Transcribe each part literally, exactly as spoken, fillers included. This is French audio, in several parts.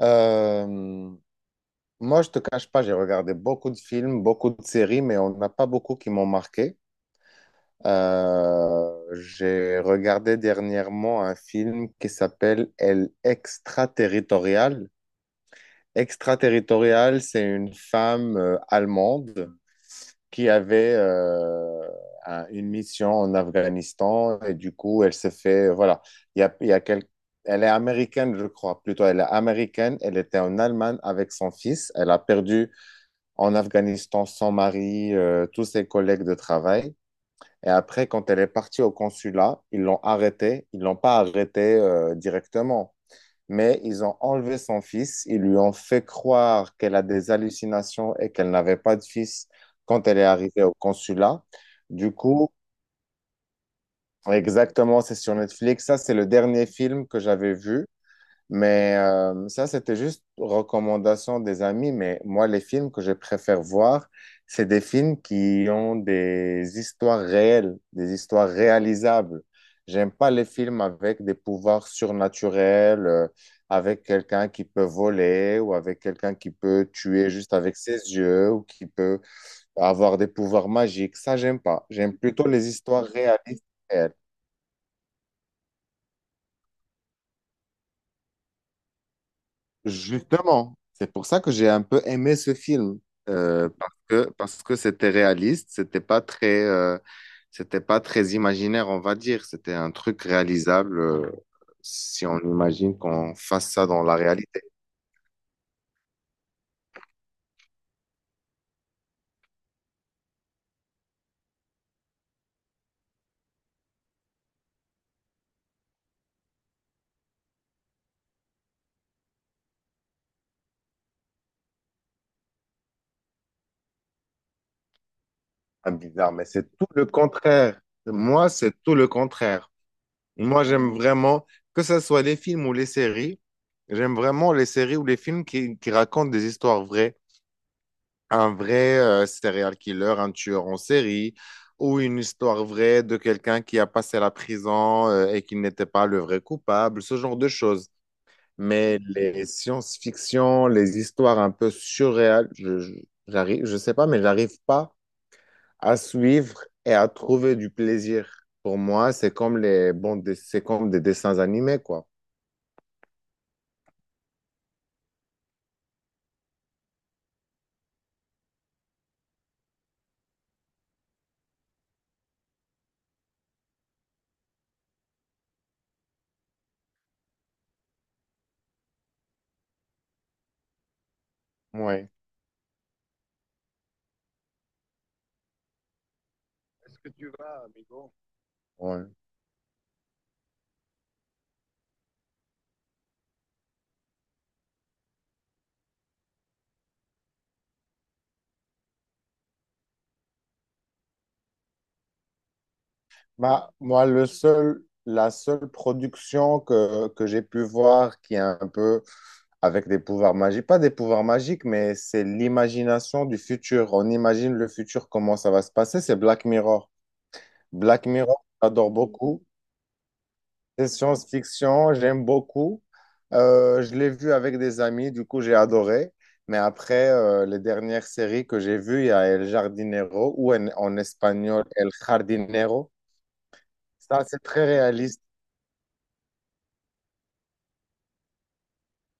Euh, Moi, je te cache pas, j'ai regardé beaucoup de films, beaucoup de séries, mais on n'a pas beaucoup qui m'ont marqué. Euh, j'ai regardé dernièrement un film qui s'appelle El Extraterritorial. Extraterritorial, c'est une femme euh, allemande qui avait euh, un- une mission en Afghanistan et du coup, elle s'est fait, euh, voilà, il y a, il y a quel- elle est américaine, je crois, plutôt, elle est américaine, elle était en Allemagne avec son fils, elle a perdu en Afghanistan son mari, euh, tous ses collègues de travail. Et après, quand elle est partie au consulat, ils l'ont arrêtée. Ils l'ont pas arrêtée euh, directement mais ils ont enlevé son fils, ils lui ont fait croire qu'elle a des hallucinations et qu'elle n'avait pas de fils quand elle est arrivée au consulat. Du coup, exactement, c'est sur Netflix. Ça, c'est le dernier film que j'avais vu. Mais euh, ça, c'était juste recommandation des amis. Mais moi, les films que je préfère voir, c'est des films qui ont des histoires réelles, des histoires réalisables. J'aime pas les films avec des pouvoirs surnaturels, euh, avec quelqu'un qui peut voler ou avec quelqu'un qui peut tuer juste avec ses yeux ou qui peut avoir des pouvoirs magiques. Ça, j'aime pas. J'aime plutôt les histoires réalistes. Réelles. Justement, c'est pour ça que j'ai un peu aimé ce film euh, parce que parce que c'était réaliste, c'était pas très euh, c'était pas très imaginaire, on va dire, c'était un truc réalisable euh, si on imagine qu'on fasse ça dans la réalité. Ah, bizarre, mais c'est tout le contraire. Moi, c'est tout le contraire. Moi, j'aime vraiment que ce soit les films ou les séries, j'aime vraiment les séries ou les films qui qui racontent des histoires vraies. Un vrai euh, serial killer, un tueur en série, ou une histoire vraie de quelqu'un qui a passé la prison euh, et qui n'était pas le vrai coupable, ce genre de choses. Mais les science-fiction, les histoires un peu surréales, je, je- j'arrive, je sais pas, mais j'arrive pas à suivre et à trouver du plaisir. Pour moi, c'est comme les bandes, dess- c'est comme des dessins animés, quoi. Ouais, ouais. Bah, moi, le seul, la seule production que, que j'ai pu voir qui est un peu avec des pouvoirs magiques, pas des pouvoirs magiques, mais c'est l'imagination du futur. On imagine le futur, comment ça va se passer, c'est Black Mirror. Black Mirror, j'adore beaucoup. C'est science-fiction, j'aime beaucoup. Euh, je l'ai vu avec des amis, du coup, j'ai adoré. Mais après, euh, les dernières séries que j'ai vues, il y a El Jardinero ou en, en espagnol El Jardinero. Ça, c'est très réaliste.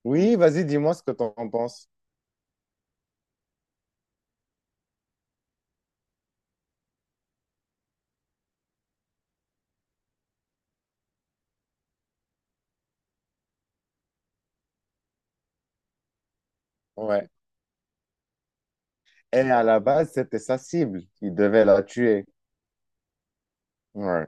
Oui, vas-y, dis-moi ce que t'en penses. Ouais. Elle, à la base, c'était sa cible. Il devait la tuer. Ouais.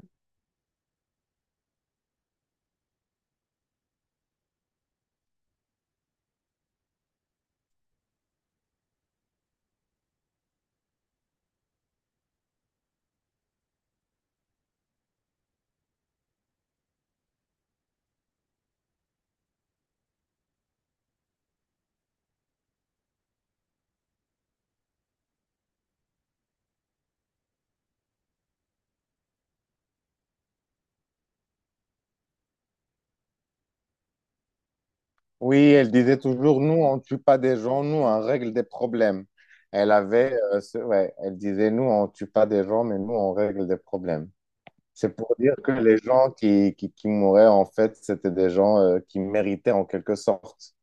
Oui, elle disait toujours, nous, on ne tue pas des gens, nous, on règle des problèmes. Elle avait, euh, ce- ouais, elle disait, nous, on ne tue pas des gens, mais nous, on règle des problèmes. C'est pour dire que les gens qui, qui, qui mouraient, en fait, c'était des gens euh, qui méritaient en quelque sorte,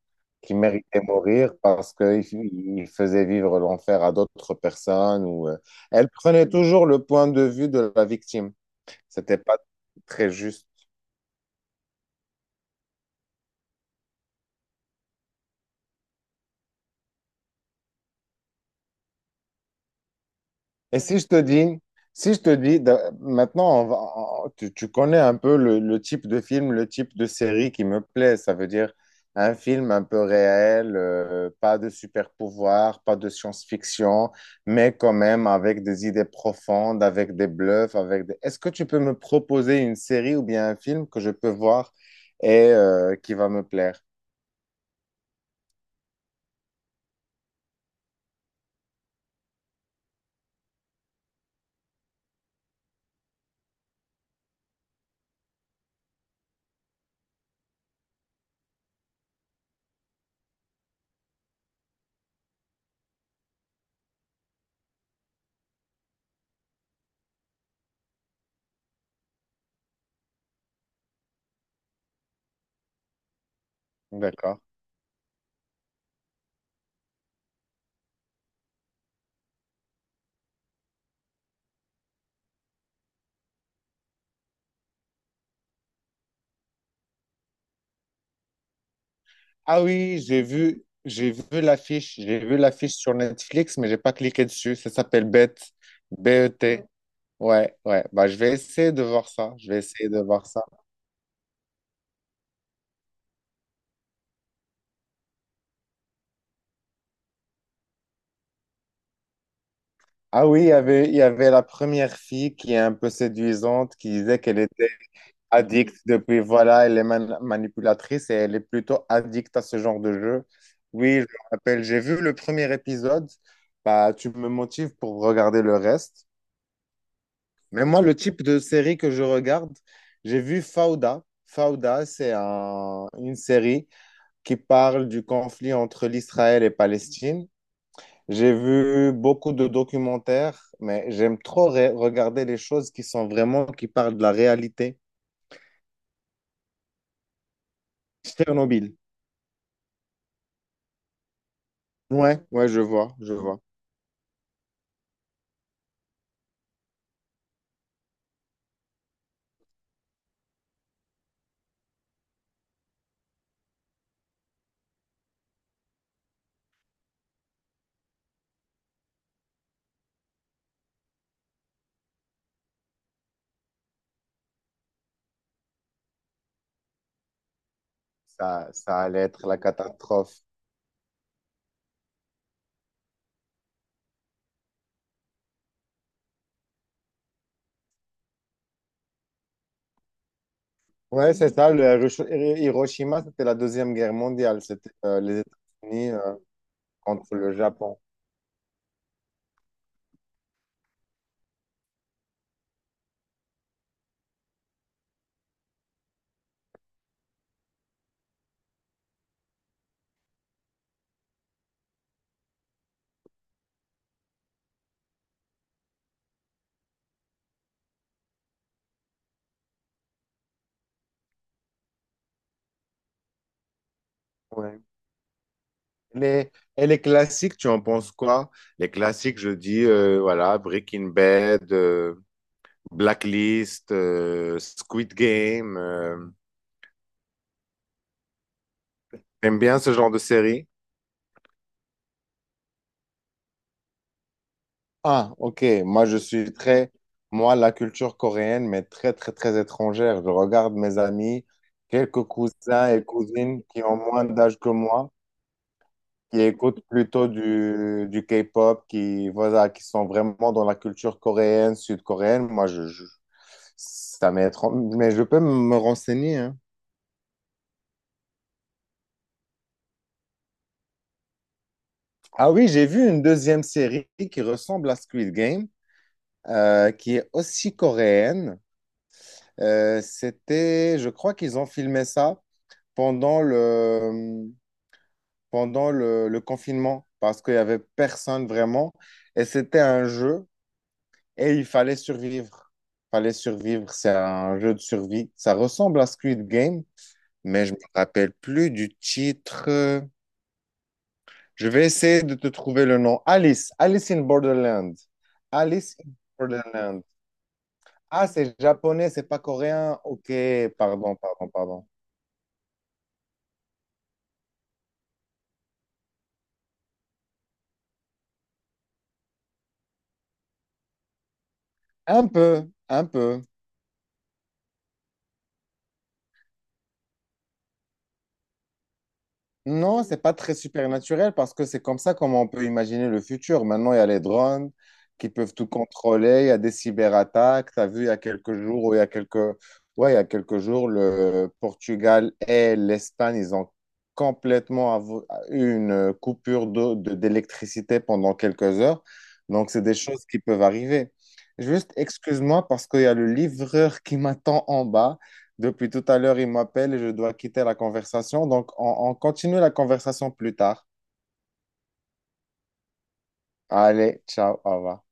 qui méritaient mourir parce qu'ils ils faisaient vivre l'enfer à d'autres personnes. Ou, euh, Elle prenait toujours le point de vue de la victime. C'était pas très juste. Et si je te dis, si je te dis, d'a- maintenant, on va- on- tu, tu connais un peu le, le type de film, le type de série qui me plaît. Ça veut dire un film un peu réel, euh, pas de super pouvoir, pas de science-fiction, mais quand même avec des idées profondes, avec des bluffs, avec des... Est-ce que tu peux me proposer une série ou bien un film que je peux voir et euh, qui va me plaire? D'accord. Ah oui, j'ai vu, j'ai vu l'affiche, j'ai vu l'affiche sur Netflix, mais j'ai pas cliqué dessus. Ça s'appelle Bet, B E T. Ouais, ouais. Bah, je vais essayer de voir ça. Je vais essayer de voir ça. Ah oui, il y avait, il y avait la première fille qui est un peu séduisante, qui disait qu'elle était addicte depuis, voilà, elle est man- manipulatrice et elle est plutôt addicte à ce genre de jeu. Oui, je me rappelle. J'ai vu le premier épisode. Bah, tu me motives pour regarder le reste. Mais moi, le type de série que je regarde, j'ai vu Fauda. Fauda, c'est un- une série qui parle du conflit entre l'Israël et Palestine. J'ai vu beaucoup de documentaires, mais j'aime trop re- regarder les choses qui sont vraiment, qui parlent de la réalité. Tchernobyl. Ouais, ouais, je vois, je vois. Ça, ça allait être la catastrophe. Ouais, c'est ça. le Hirosh- Hiroshima, c'était la Deuxième Guerre mondiale. C'était euh, les États-Unis euh, contre le Japon. Ouais. Les, et les classiques, tu en penses quoi? Les classiques, je dis, euh, voilà, Breaking Bad, euh, Blacklist, euh, Squid Game. euh. T'aimes bien ce genre de série? Ah, ok. Moi, je suis très, moi, la culture coréenne, mais très, très, très étrangère. Je regarde mes amis, quelques cousins et cousines qui ont moins d'âge que moi, qui écoutent plutôt du, du K-pop, qui, voilà, qui sont vraiment dans la culture coréenne, sud-coréenne. Moi, je, je- ça m'est étrange, mais je peux me renseigner, hein. Ah oui, j'ai vu une deuxième série qui ressemble à Squid Game, euh, qui est aussi coréenne. Euh, c'était, je crois qu'ils ont filmé ça pendant le, pendant le, le confinement parce qu'il n'y avait personne vraiment. Et c'était un jeu. Et il fallait survivre. Fallait survivre. C'est un jeu de survie. Ça ressemble à Squid Game, mais je me rappelle plus du titre. Je vais essayer de te trouver le nom. Alice. Alice in Borderland. Alice in Borderland. Ah, c'est japonais, c'est pas coréen. Ok, pardon, pardon, pardon. Un peu, un peu. Non, c'est pas très supernaturel parce que c'est comme ça comme on peut imaginer le futur. Maintenant, il y a les drones qui peuvent tout contrôler, il y a des cyberattaques. Tu as vu il y a quelques jours ou il y a quelques ouais, il y a quelques jours le Portugal et l'Espagne, ils ont complètement avo- eu une coupure d'eau de- d'électricité pendant quelques heures. Donc, c'est des choses qui peuvent arriver. Juste, excuse-moi parce qu'il y a le livreur qui m'attend en bas. Depuis tout à l'heure, il m'appelle et je dois quitter la conversation. Donc, on, on continue la conversation plus tard. Allez, ciao, au revoir.